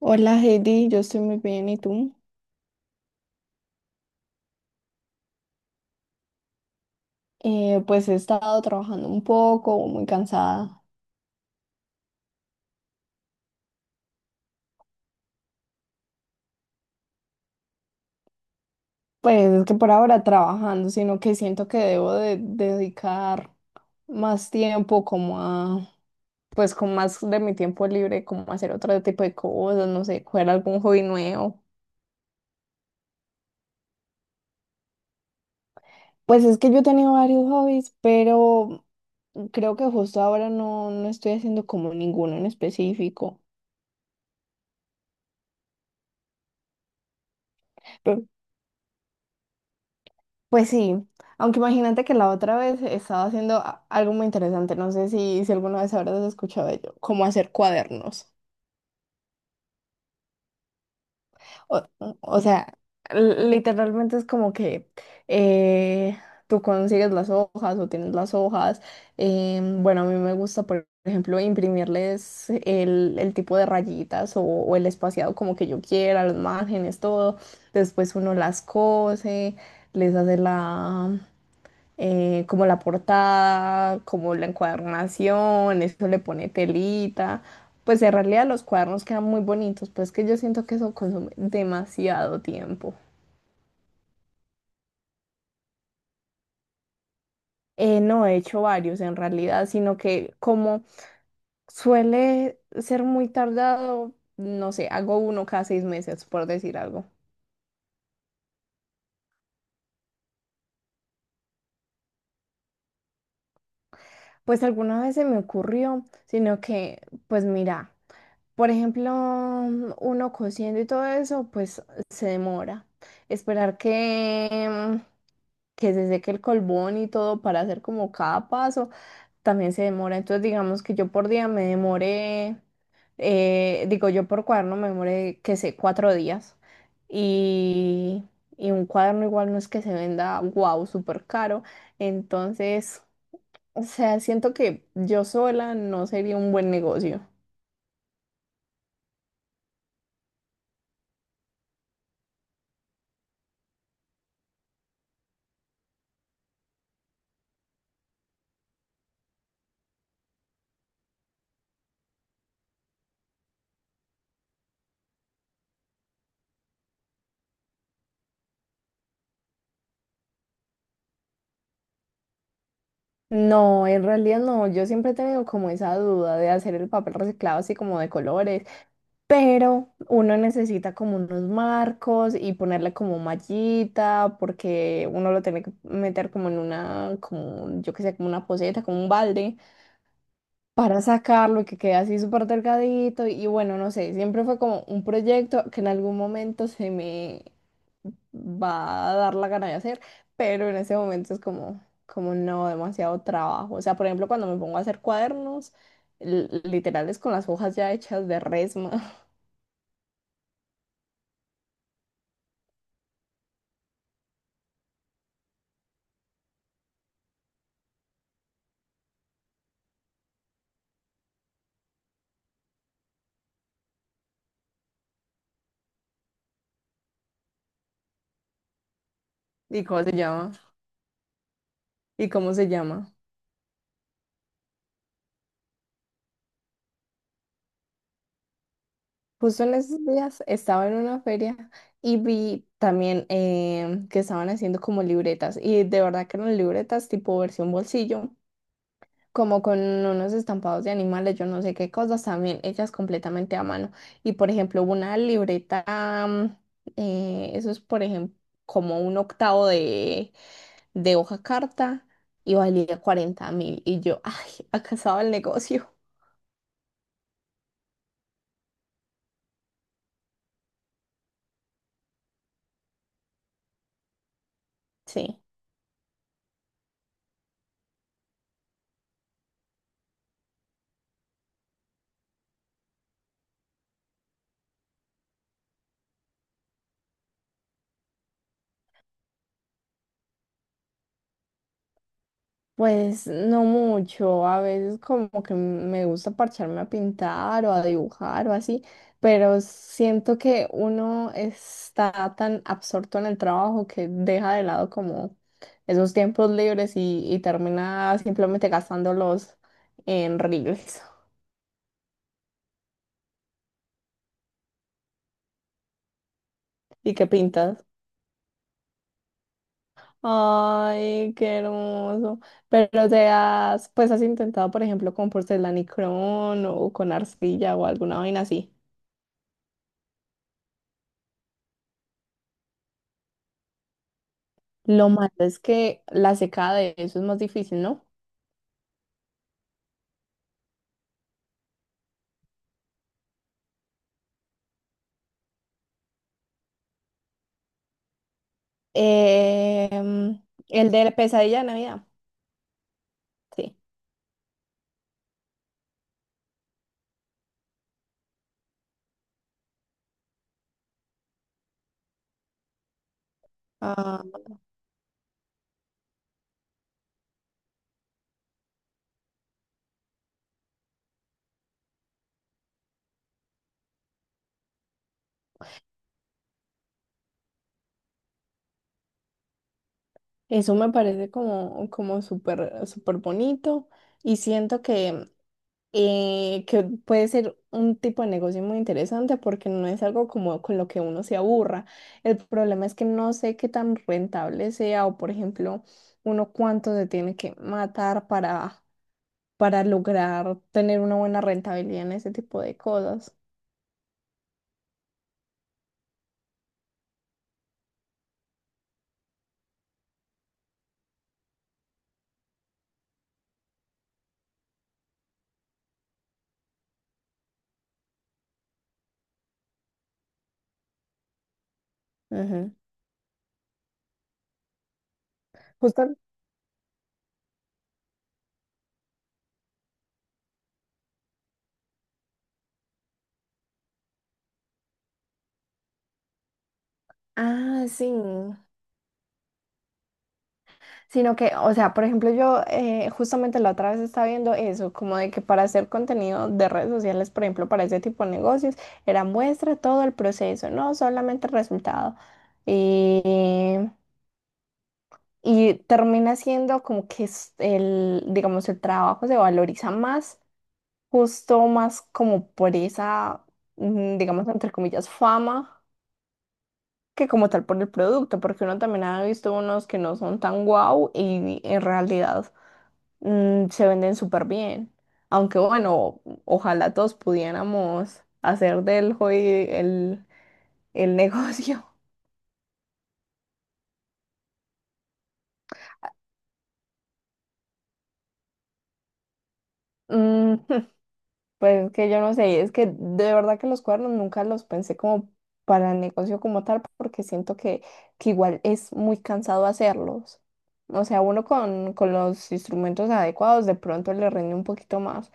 Hola Heidi, yo estoy muy bien, ¿y tú? Pues he estado trabajando un poco, muy cansada. Pues es que por ahora trabajando, sino que siento que debo de dedicar más tiempo como a, pues con más de mi tiempo libre, como a hacer otro tipo de cosas, no sé, coger algún hobby nuevo. Pues es que yo he tenido varios hobbies, pero creo que justo ahora no, no estoy haciendo como ninguno en específico. Pues sí, aunque imagínate que la otra vez estaba haciendo algo muy interesante, no sé si, si alguna vez habrás escuchado ello, cómo hacer cuadernos. O, o sea, literalmente es como que eh, tú consigues las hojas o tienes las hojas. Bueno, a mí me gusta, por ejemplo, imprimirles el tipo de rayitas o el espaciado como que yo quiera, los márgenes, todo. Después uno las cose, les hace la... como la portada, como la encuadernación, eso le pone telita. Pues en realidad los cuadernos quedan muy bonitos, pero es que yo siento que eso consume demasiado tiempo. No he hecho varios en realidad, sino que como suele ser muy tardado, no sé, hago uno cada 6 meses, por decir algo. Pues alguna vez se me ocurrió, sino que, pues mira. Por ejemplo, uno cociendo y todo eso, pues se demora. Esperar que, que se seque el colbón y todo para hacer como cada paso, también se demora. Entonces, digamos que yo por día me demoré, digo yo por cuaderno me demoré, que sé, 4 días. Y, y un cuaderno igual no es que se venda, wow, súper caro. Entonces, o sea, siento que yo sola no sería un buen negocio. No, en realidad no. Yo siempre he tenido como esa duda de hacer el papel reciclado así como de colores, pero uno necesita como unos marcos y ponerle como mallita porque uno lo tiene que meter como en una, como yo qué sé, como una poceta, como un balde para sacarlo y que quede así súper delgadito. Y bueno, no sé, siempre fue como un proyecto que en algún momento se me va a dar la gana de hacer, pero en ese momento es como, como no, demasiado trabajo. O sea, por ejemplo, cuando me pongo a hacer cuadernos, literales con las hojas ya hechas de resma. ¿Y cómo se llama? ¿Y cómo se llama? Justo en esos días estaba en una feria y vi también que estaban haciendo como libretas y de verdad que eran libretas tipo versión bolsillo como con unos estampados de animales, yo no sé qué cosas también, hechas completamente a mano. Y por ejemplo, una libreta, mm, eso es por ejemplo como un octavo de hoja carta y valía 40.000. Y yo, ay, acá estaba el negocio. Sí. Pues no mucho, a veces como que me gusta parcharme a pintar o a dibujar o así, pero siento que uno está tan absorto en el trabajo que deja de lado como esos tiempos libres y termina simplemente gastándolos en reels. ¿Y qué pintas? Ay, qué hermoso. Pero te has, pues has intentado, por ejemplo, con porcelanicrón o con arcilla o alguna vaina así. Lo malo es que la secada de eso es más difícil, ¿no? Em, el de la pesadilla de Navidad, sí. Ah, eso me parece como, como súper, súper bonito y siento que puede ser un tipo de negocio muy interesante porque no es algo como con lo que uno se aburra. El problema es que no sé qué tan rentable sea o, por ejemplo, uno cuánto se tiene que matar para lograr tener una buena rentabilidad en ese tipo de cosas. Ujú. Justo, ah, sí. Sino que, o sea, por ejemplo, yo justamente la otra vez estaba viendo eso, como de que para hacer contenido de redes sociales, por ejemplo, para ese tipo de negocios, era muestra todo el proceso, no solamente el resultado. Y, y termina siendo como que es el, digamos, el trabajo se valoriza más, justo más como por esa, digamos, entre comillas, fama que como tal por el producto, porque uno también ha visto unos que no son tan guau y en realidad se venden súper bien. Aunque bueno, ojalá todos pudiéramos hacer del hobby el, el negocio. Mm, pues que yo no sé, es que de verdad que los cuernos nunca los pensé como para el negocio como tal, porque siento que igual es muy cansado hacerlos. O sea, uno con los instrumentos adecuados de pronto le rinde un poquito más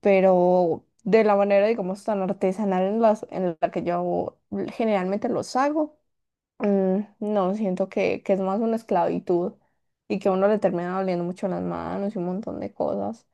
pero de la manera, digamos, tan artesanal en las, en la que yo generalmente los hago, no, siento que es más una esclavitud y que a uno le termina doliendo mucho las manos y un montón de cosas.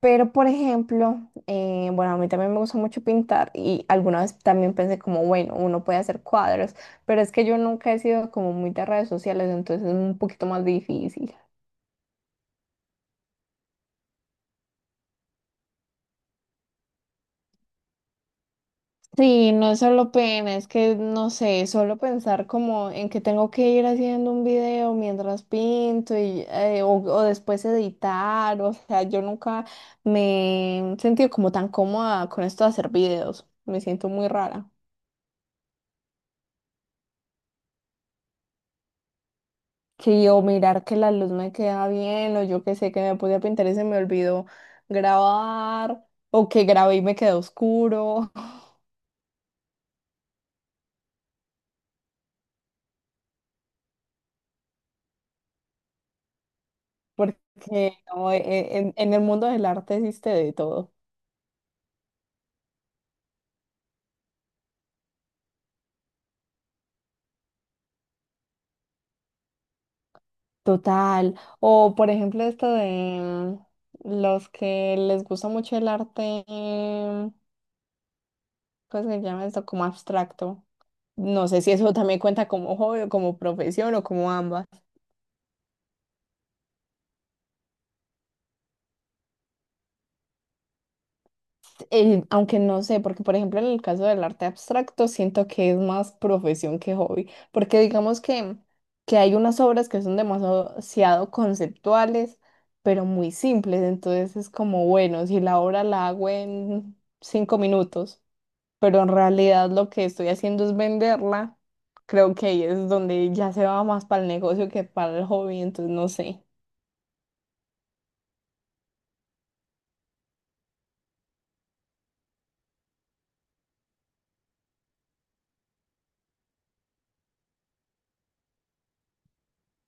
Pero, por ejemplo, bueno, a mí también me gusta mucho pintar y alguna vez también pensé como, bueno, uno puede hacer cuadros, pero es que yo nunca he sido como muy de redes sociales, entonces es un poquito más difícil. Sí, no es solo pena, es que no sé, solo pensar como en que tengo que ir haciendo un video mientras pinto y, o después editar, o sea, yo nunca me he sentido como tan cómoda con esto de hacer videos, me siento muy rara. Sí, o mirar que la luz me queda bien, o yo que sé que me podía pintar y se me olvidó grabar, o que grabé y me quedó oscuro, porque no, en el mundo del arte existe de todo. Total. O por ejemplo esto de los que les gusta mucho el arte, ¿cómo se llama esto? Como abstracto. No sé si eso también cuenta como hobby o como profesión o como ambas. Aunque no sé, porque por ejemplo en el caso del arte abstracto siento que es más profesión que hobby, porque digamos que hay unas obras que son demasiado conceptuales, pero muy simples, entonces es como, bueno, si la obra la hago en 5 minutos pero en realidad lo que estoy haciendo es venderla. Creo que ahí es donde ya se va más para el negocio que para el hobby, entonces no sé.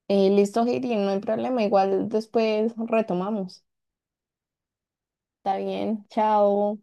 Listo, Heidi, no hay problema, igual después retomamos. Está bien, chao.